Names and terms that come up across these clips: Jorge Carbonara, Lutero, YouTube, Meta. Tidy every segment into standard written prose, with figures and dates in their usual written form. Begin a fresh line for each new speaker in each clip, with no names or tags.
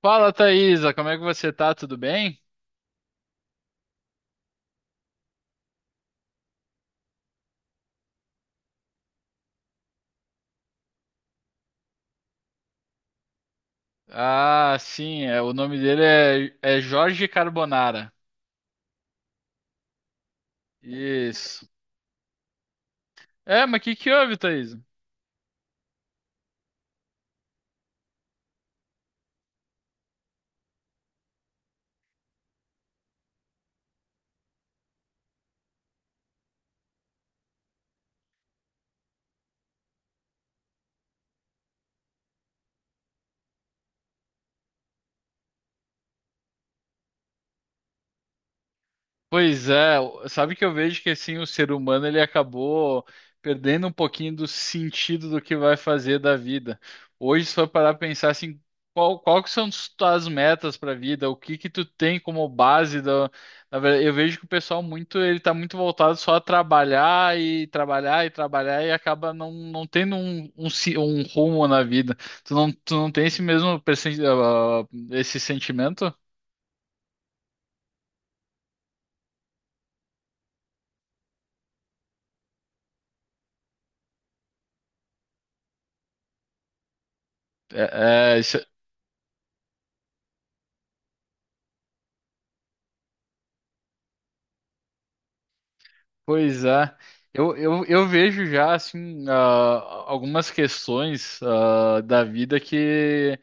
Fala, Thaisa, como é que você tá? Tudo bem? Ah, sim, o nome dele é, é Jorge Carbonara. Isso. É, mas o que que houve, Thaisa? Pois é, sabe que eu vejo que assim o ser humano ele acabou perdendo um pouquinho do sentido do que vai fazer da vida. Hoje, se for parar pra pensar assim, qual que são as tuas metas para a vida, o que que tu tem como base da, na verdade, eu vejo que o pessoal muito ele tá muito voltado só a trabalhar e trabalhar e trabalhar e acaba não tendo um rumo na vida. Tu não tem esse mesmo esse sentimento? É, é, isso- Pois é, eu vejo já assim algumas questões da vida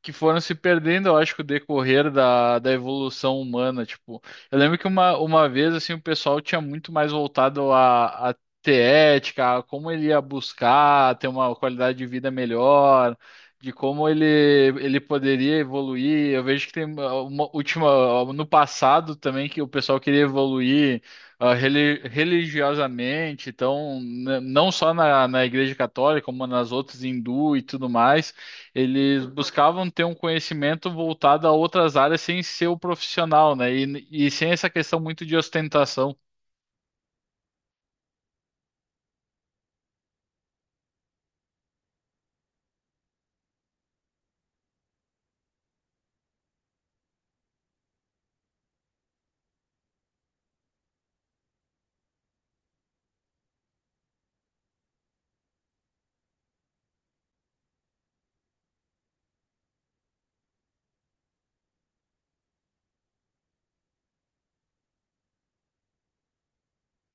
que foram se perdendo, eu acho, com o decorrer da, da evolução humana, tipo, eu lembro que uma vez, assim, o pessoal tinha muito mais voltado a ter ética, a como ele ia buscar ter uma qualidade de vida melhor, de como ele, ele poderia evoluir, eu vejo que tem uma última, no passado também, que o pessoal queria evoluir religiosamente, então, não só na Igreja Católica, como nas outras, hindu e tudo mais, eles buscavam ter um conhecimento voltado a outras áreas sem ser o profissional, né? E sem essa questão muito de ostentação.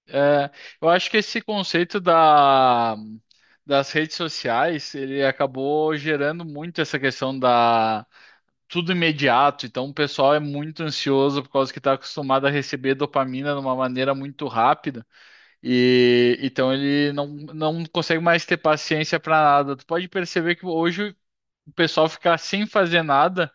É, eu acho que esse conceito das redes sociais, ele acabou gerando muito essa questão da tudo imediato. Então, o pessoal é muito ansioso por causa que está acostumado a receber dopamina de uma maneira muito rápida. E então ele não consegue mais ter paciência para nada. Tu pode perceber que hoje o pessoal ficar sem fazer nada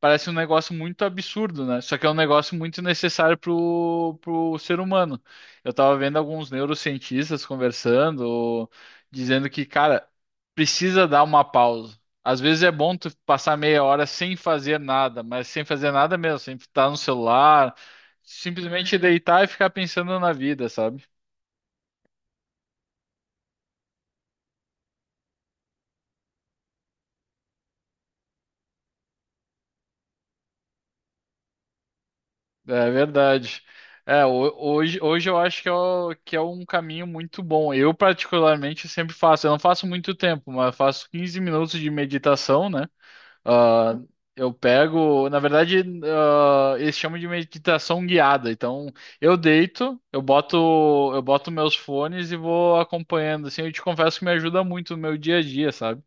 parece um negócio muito absurdo, né? Só que é um negócio muito necessário pro ser humano. Eu tava vendo alguns neurocientistas conversando, dizendo que, cara, precisa dar uma pausa. Às vezes é bom tu passar meia hora sem fazer nada, mas sem fazer nada mesmo, sem estar no celular, simplesmente deitar e ficar pensando na vida, sabe? É verdade. É, hoje eu acho que que é um caminho muito bom. Eu, particularmente, sempre faço. Eu não faço muito tempo, mas faço 15 minutos de meditação, né? Ah, eu pego, na verdade, ah, eles chamam de meditação guiada. Então, eu deito, eu boto, eu boto meus fones e vou acompanhando. Assim, eu te confesso que me ajuda muito no meu dia a dia, sabe?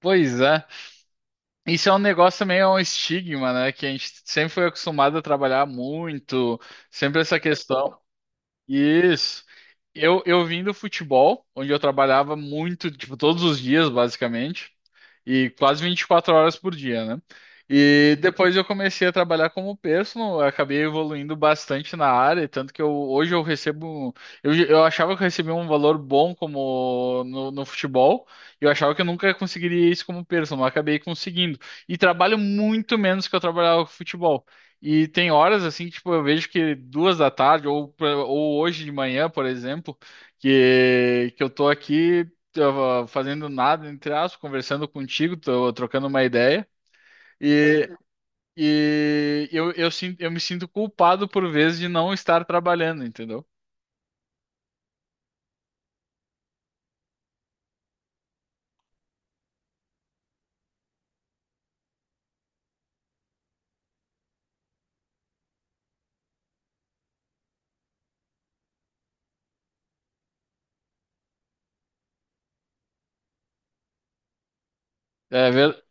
Pois é. Isso é um negócio meio um estigma, né? Que a gente sempre foi acostumado a trabalhar muito, sempre essa questão. Isso. Eu vim do futebol, onde eu trabalhava muito, tipo, todos os dias, basicamente, e quase 24 horas por dia, né? E depois eu comecei a trabalhar como personal, eu acabei evoluindo bastante na área, tanto que eu, hoje eu recebo. Eu achava que eu recebia um valor bom como no futebol, e eu achava que eu nunca conseguiria isso como personal, mas acabei conseguindo. E trabalho muito menos que eu trabalhava com futebol. E tem horas assim, tipo, eu vejo que duas da tarde, ou hoje de manhã, por exemplo, que eu tô aqui eu, fazendo nada, entre aspas, conversando contigo, tô trocando uma ideia, e, eu me sinto culpado por vezes de não estar trabalhando, entendeu? É, ver-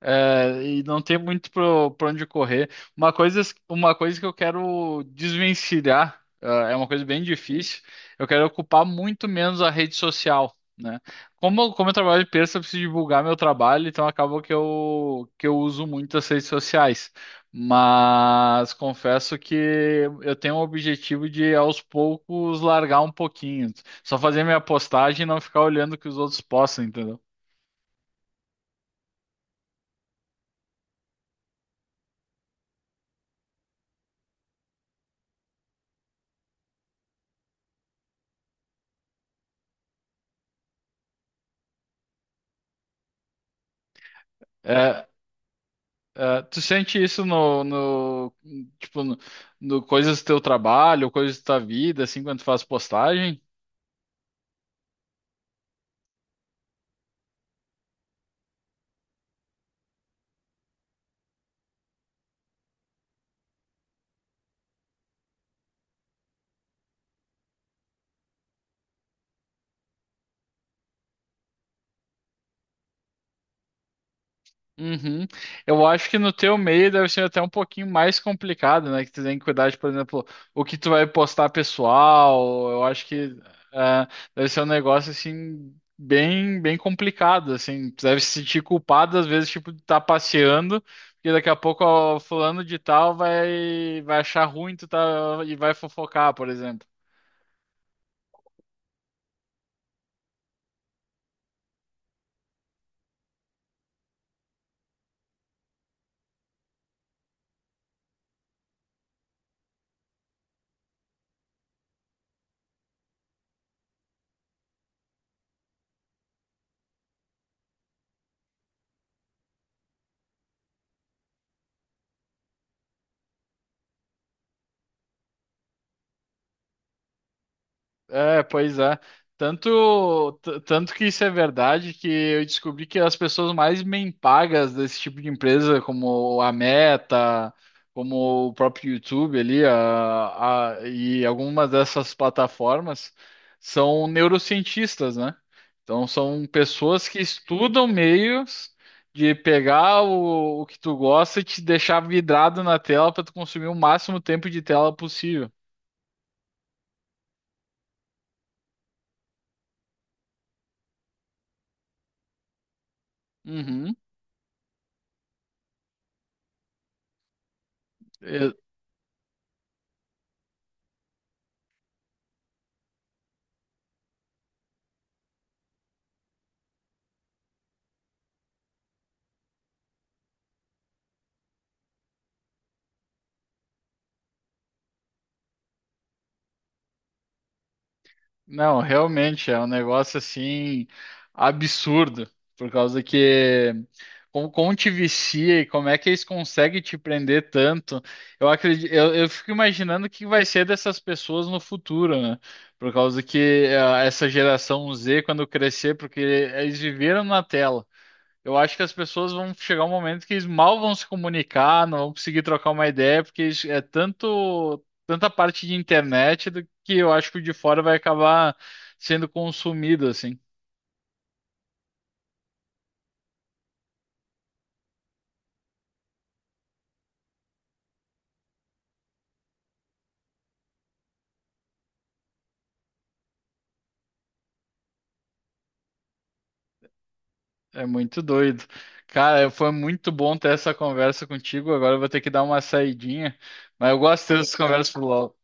É, e não tem muito para pra onde correr. Uma coisa, uma coisa que eu quero desvencilhar, ah, é uma coisa bem difícil. Eu quero ocupar muito menos a rede social, né? Como eu trabalho de terça, eu preciso divulgar meu trabalho, então acaba que eu uso muito as redes sociais. Mas confesso que eu tenho o objetivo de, aos poucos, largar um pouquinho. Só fazer minha postagem e não ficar olhando o que os outros postam, entendeu? É, É, tu sente isso tipo no, no coisas do teu trabalho, coisas da tua vida, assim, quando tu faz postagem? Uhum. Eu acho que no teu meio deve ser até um pouquinho mais complicado, né? Que tu tem que cuidar de, por exemplo, o que tu vai postar pessoal. Eu acho que é, deve ser um negócio assim bem bem complicado, assim. Tu deve se sentir culpado às vezes, tipo, de estar passeando. Porque daqui a pouco ó, fulano de tal vai achar ruim tu tá, e vai fofocar, por exemplo. É, pois é. Tanto que isso é verdade que eu descobri que as pessoas mais bem pagas desse tipo de empresa, como a Meta, como o próprio YouTube ali, e algumas dessas plataformas, são neurocientistas, né? Então são pessoas que estudam meios de pegar o que tu gosta e te deixar vidrado na tela para tu consumir o máximo tempo de tela possível. Uhum. Não, realmente é um negócio assim absurdo, por causa que como te vicia e como é que eles conseguem te prender tanto? Eu acredito, eu fico imaginando o que vai ser dessas pessoas no futuro, né? Por causa que ah, essa geração Z, quando crescer, porque eles viveram na tela. Eu acho que as pessoas vão chegar um momento que eles mal vão se comunicar, não vão conseguir trocar uma ideia, porque eles- é tanto tanta parte de internet do que eu acho que o de fora vai acabar sendo consumido assim. É muito doido. Cara, foi muito bom ter essa conversa contigo. Agora eu vou ter que dar uma saidinha, mas eu gosto dessas conversas por LOL.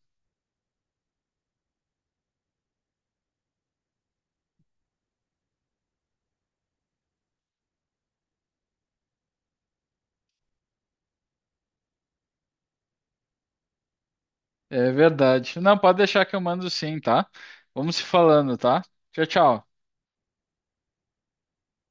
É verdade. Não, pode deixar que eu mando sim, tá? Vamos se falando, tá? Tchau, tchau.